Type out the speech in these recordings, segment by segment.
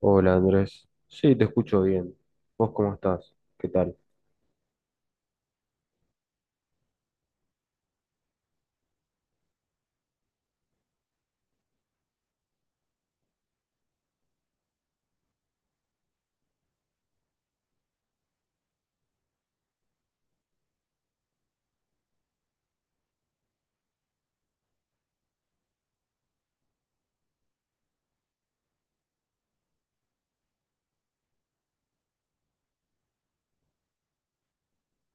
Hola Andrés, sí, te escucho bien. ¿Vos cómo estás? ¿Qué tal?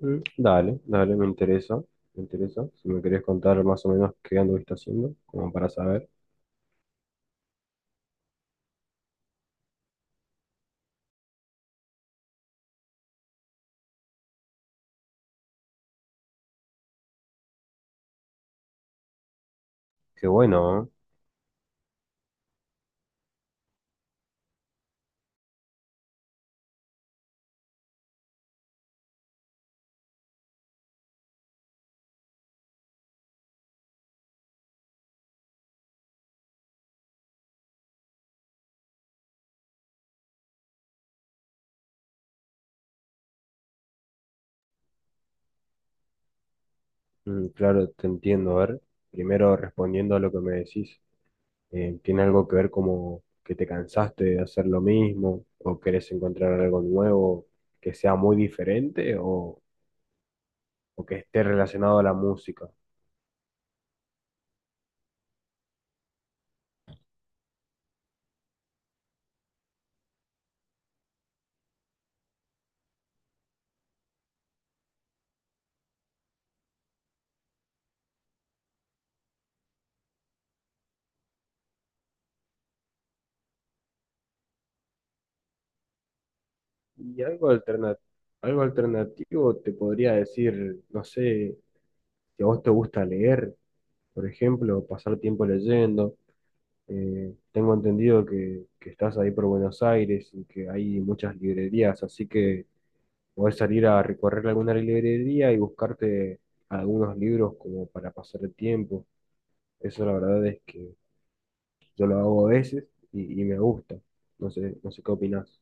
Mm. Dale, dale, me interesa, me interesa. Si me querés contar más o menos qué anduviste haciendo, como para saber. Qué bueno, ¿eh? Mm. Claro, te entiendo. A ver, primero respondiendo a lo que me decís, ¿tiene algo que ver como que te cansaste de hacer lo mismo o querés encontrar algo nuevo que sea muy diferente o que esté relacionado a la música? Y algo alternativo te podría decir, no sé, si a vos te gusta leer, por ejemplo, pasar tiempo leyendo. Tengo entendido que estás ahí por Buenos Aires y que hay muchas librerías, así que podés salir a recorrer alguna librería y buscarte algunos libros como para pasar el tiempo. Eso la verdad es que yo lo hago a veces y me gusta. No sé, no sé qué opinás.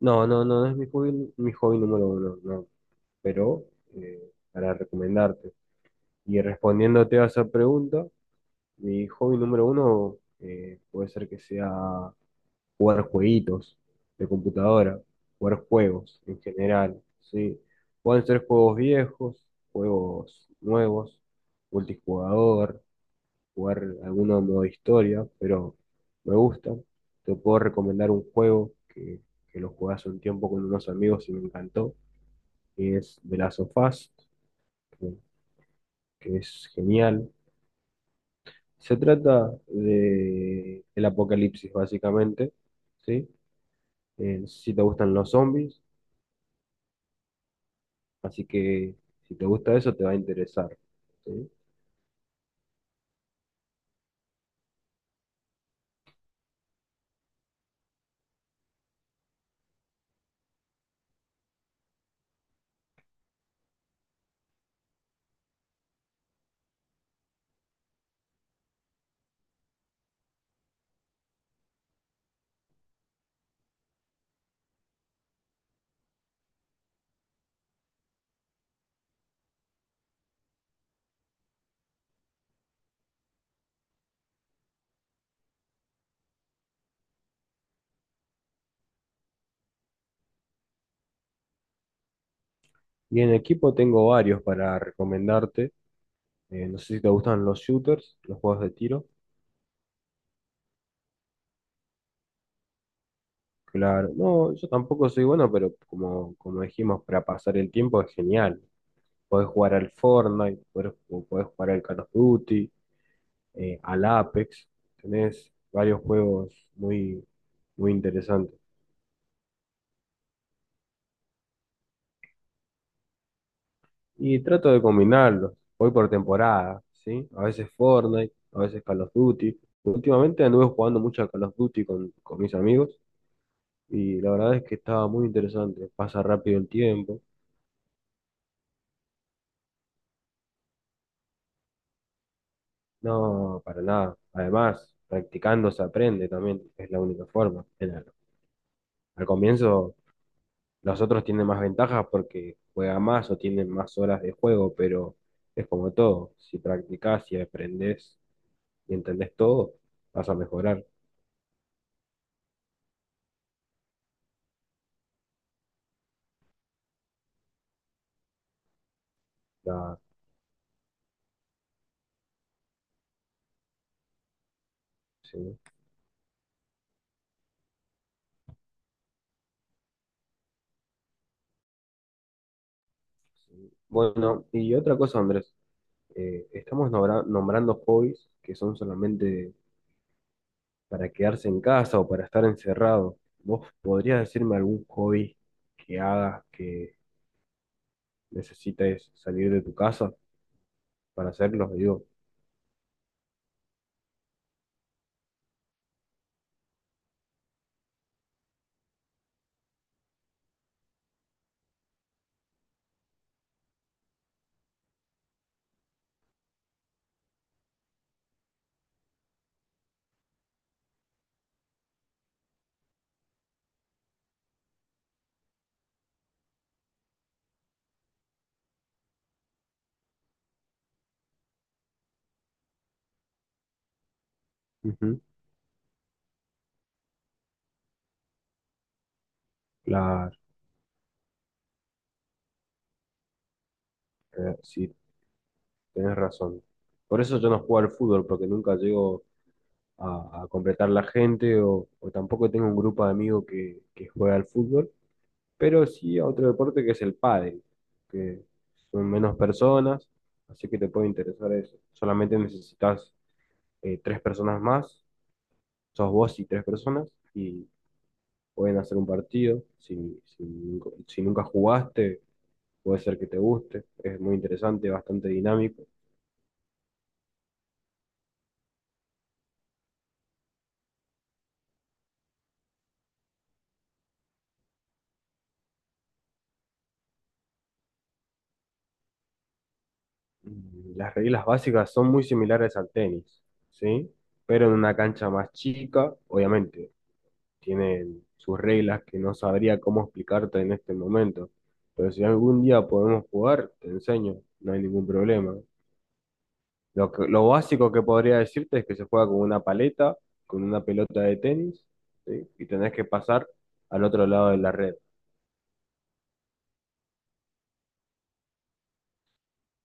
No, no, no, no es mi hobby número uno. No. Pero para recomendarte. Y respondiéndote a esa pregunta, mi hobby número uno puede ser que sea jugar jueguitos de computadora, jugar juegos en general, ¿sí? Pueden ser juegos viejos, juegos nuevos, multijugador, jugar alguno modo historia, pero me gusta. Te puedo recomendar un juego que lo jugué hace un tiempo con unos amigos y me encantó, que es The Last of Us, que es genial. Se trata de el apocalipsis, básicamente, ¿sí? No sé si te gustan los zombies, así que si te gusta eso te va a interesar, ¿sí? Y en equipo tengo varios para recomendarte. No sé si te gustan los shooters, los juegos de tiro. Claro, no, yo tampoco soy bueno, pero como dijimos, para pasar el tiempo es genial. Podés jugar al Fortnite, podés jugar al Call of Duty, al Apex, tenés varios juegos muy, muy interesantes. Y trato de combinarlos, voy por temporada, ¿sí? A veces Fortnite, a veces Call of Duty. Últimamente anduve jugando mucho a Call of Duty con mis amigos y la verdad es que estaba muy interesante, pasa rápido el tiempo. No, para nada. Además, practicando se aprende también, es la única forma. Al comienzo, los otros tienen más ventajas porque juegan más o tienen más horas de juego, pero es como todo. Si practicás, si aprendés y entendés todo, vas a mejorar. La- sí, sí. Bueno, y otra cosa, Andrés, estamos nombrando hobbies que son solamente para quedarse en casa o para estar encerrado. ¿Vos podrías decirme algún hobby que hagas que necesites salir de tu casa para hacerlo? Digo. Ujú. Claro. Si. Tenés razón. Por eso yo no juego al fútbol, porque nunca llego a completar la gente o tampoco tengo un grupo de amigos que juega al fútbol, pero sí a otro deporte que es el pádel, que son menos personas, así que te puede interesar eso. Solamente necesitas tres personas más, sos vos y tres personas, y pueden hacer un partido. Si nunca jugaste, puede ser que te guste, es muy interesante, bastante dinámico. Las reglas básicas son muy similares al tenis, ¿sí? Pero en una cancha más chica, obviamente, tienen sus reglas que no sabría cómo explicarte en este momento. Pero si algún día podemos jugar, te enseño, no hay ningún problema. Lo básico que podría decirte es que se juega con una paleta, con una pelota de tenis, ¿sí? Y tenés que pasar al otro lado de la red.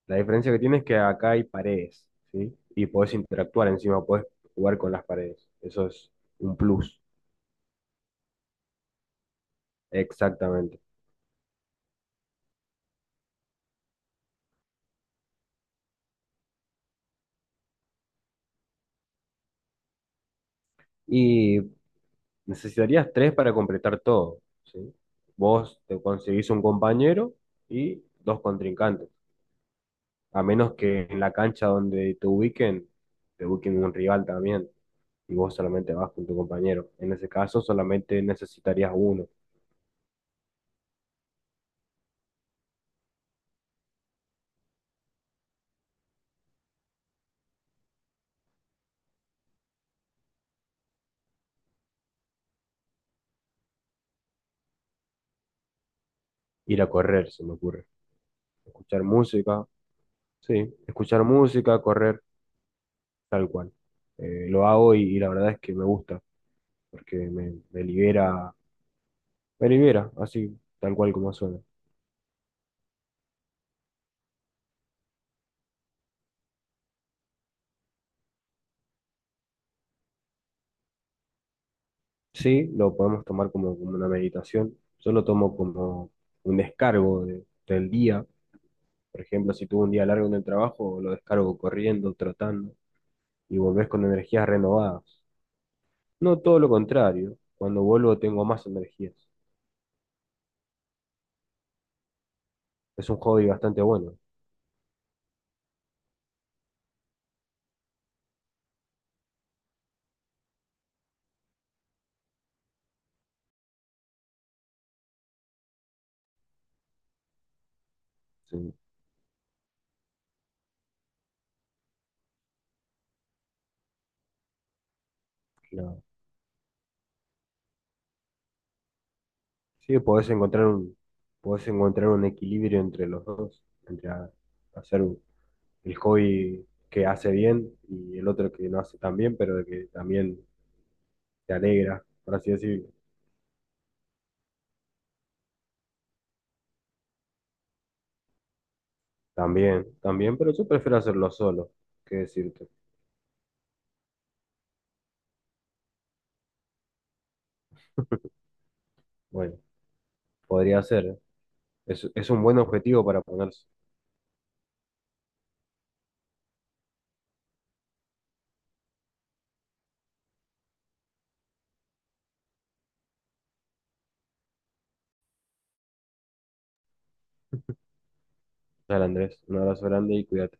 La diferencia que tiene es que acá hay paredes, ¿sí? Y podés interactuar encima, podés jugar con las paredes. Eso es un plus, exactamente. Y necesitarías tres para completar todo, ¿sí? Vos te conseguís un compañero y dos contrincantes, a menos que en la cancha donde te ubiquen un rival también, y vos solamente vas con tu compañero. En ese caso, solamente necesitarías uno. Ir a correr, se me ocurre. Escuchar música, sí, escuchar música, correr. Tal cual. Lo hago y la verdad es que me gusta, porque me libera, me libera, así, tal cual como suena. Sí, lo podemos tomar como una meditación. Yo lo tomo como un descargo del día. Por ejemplo, si tuve un día largo en el trabajo, lo descargo corriendo, trotando, y volvés con energías renovadas. No, todo lo contrario. Cuando vuelvo tengo más energías. Es un hobby bastante bueno. Sí, claro. Sí, podés encontrar un equilibrio entre los dos, entre hacer un- el hobby que hace bien y el otro que no hace tan bien, pero de que también te alegra, por así decirlo. También, también, pero yo prefiero hacerlo solo, que decirte. Bueno, podría ser. Es un buen objetivo para ponerse. Dale, Andrés, un abrazo grande y cuídate.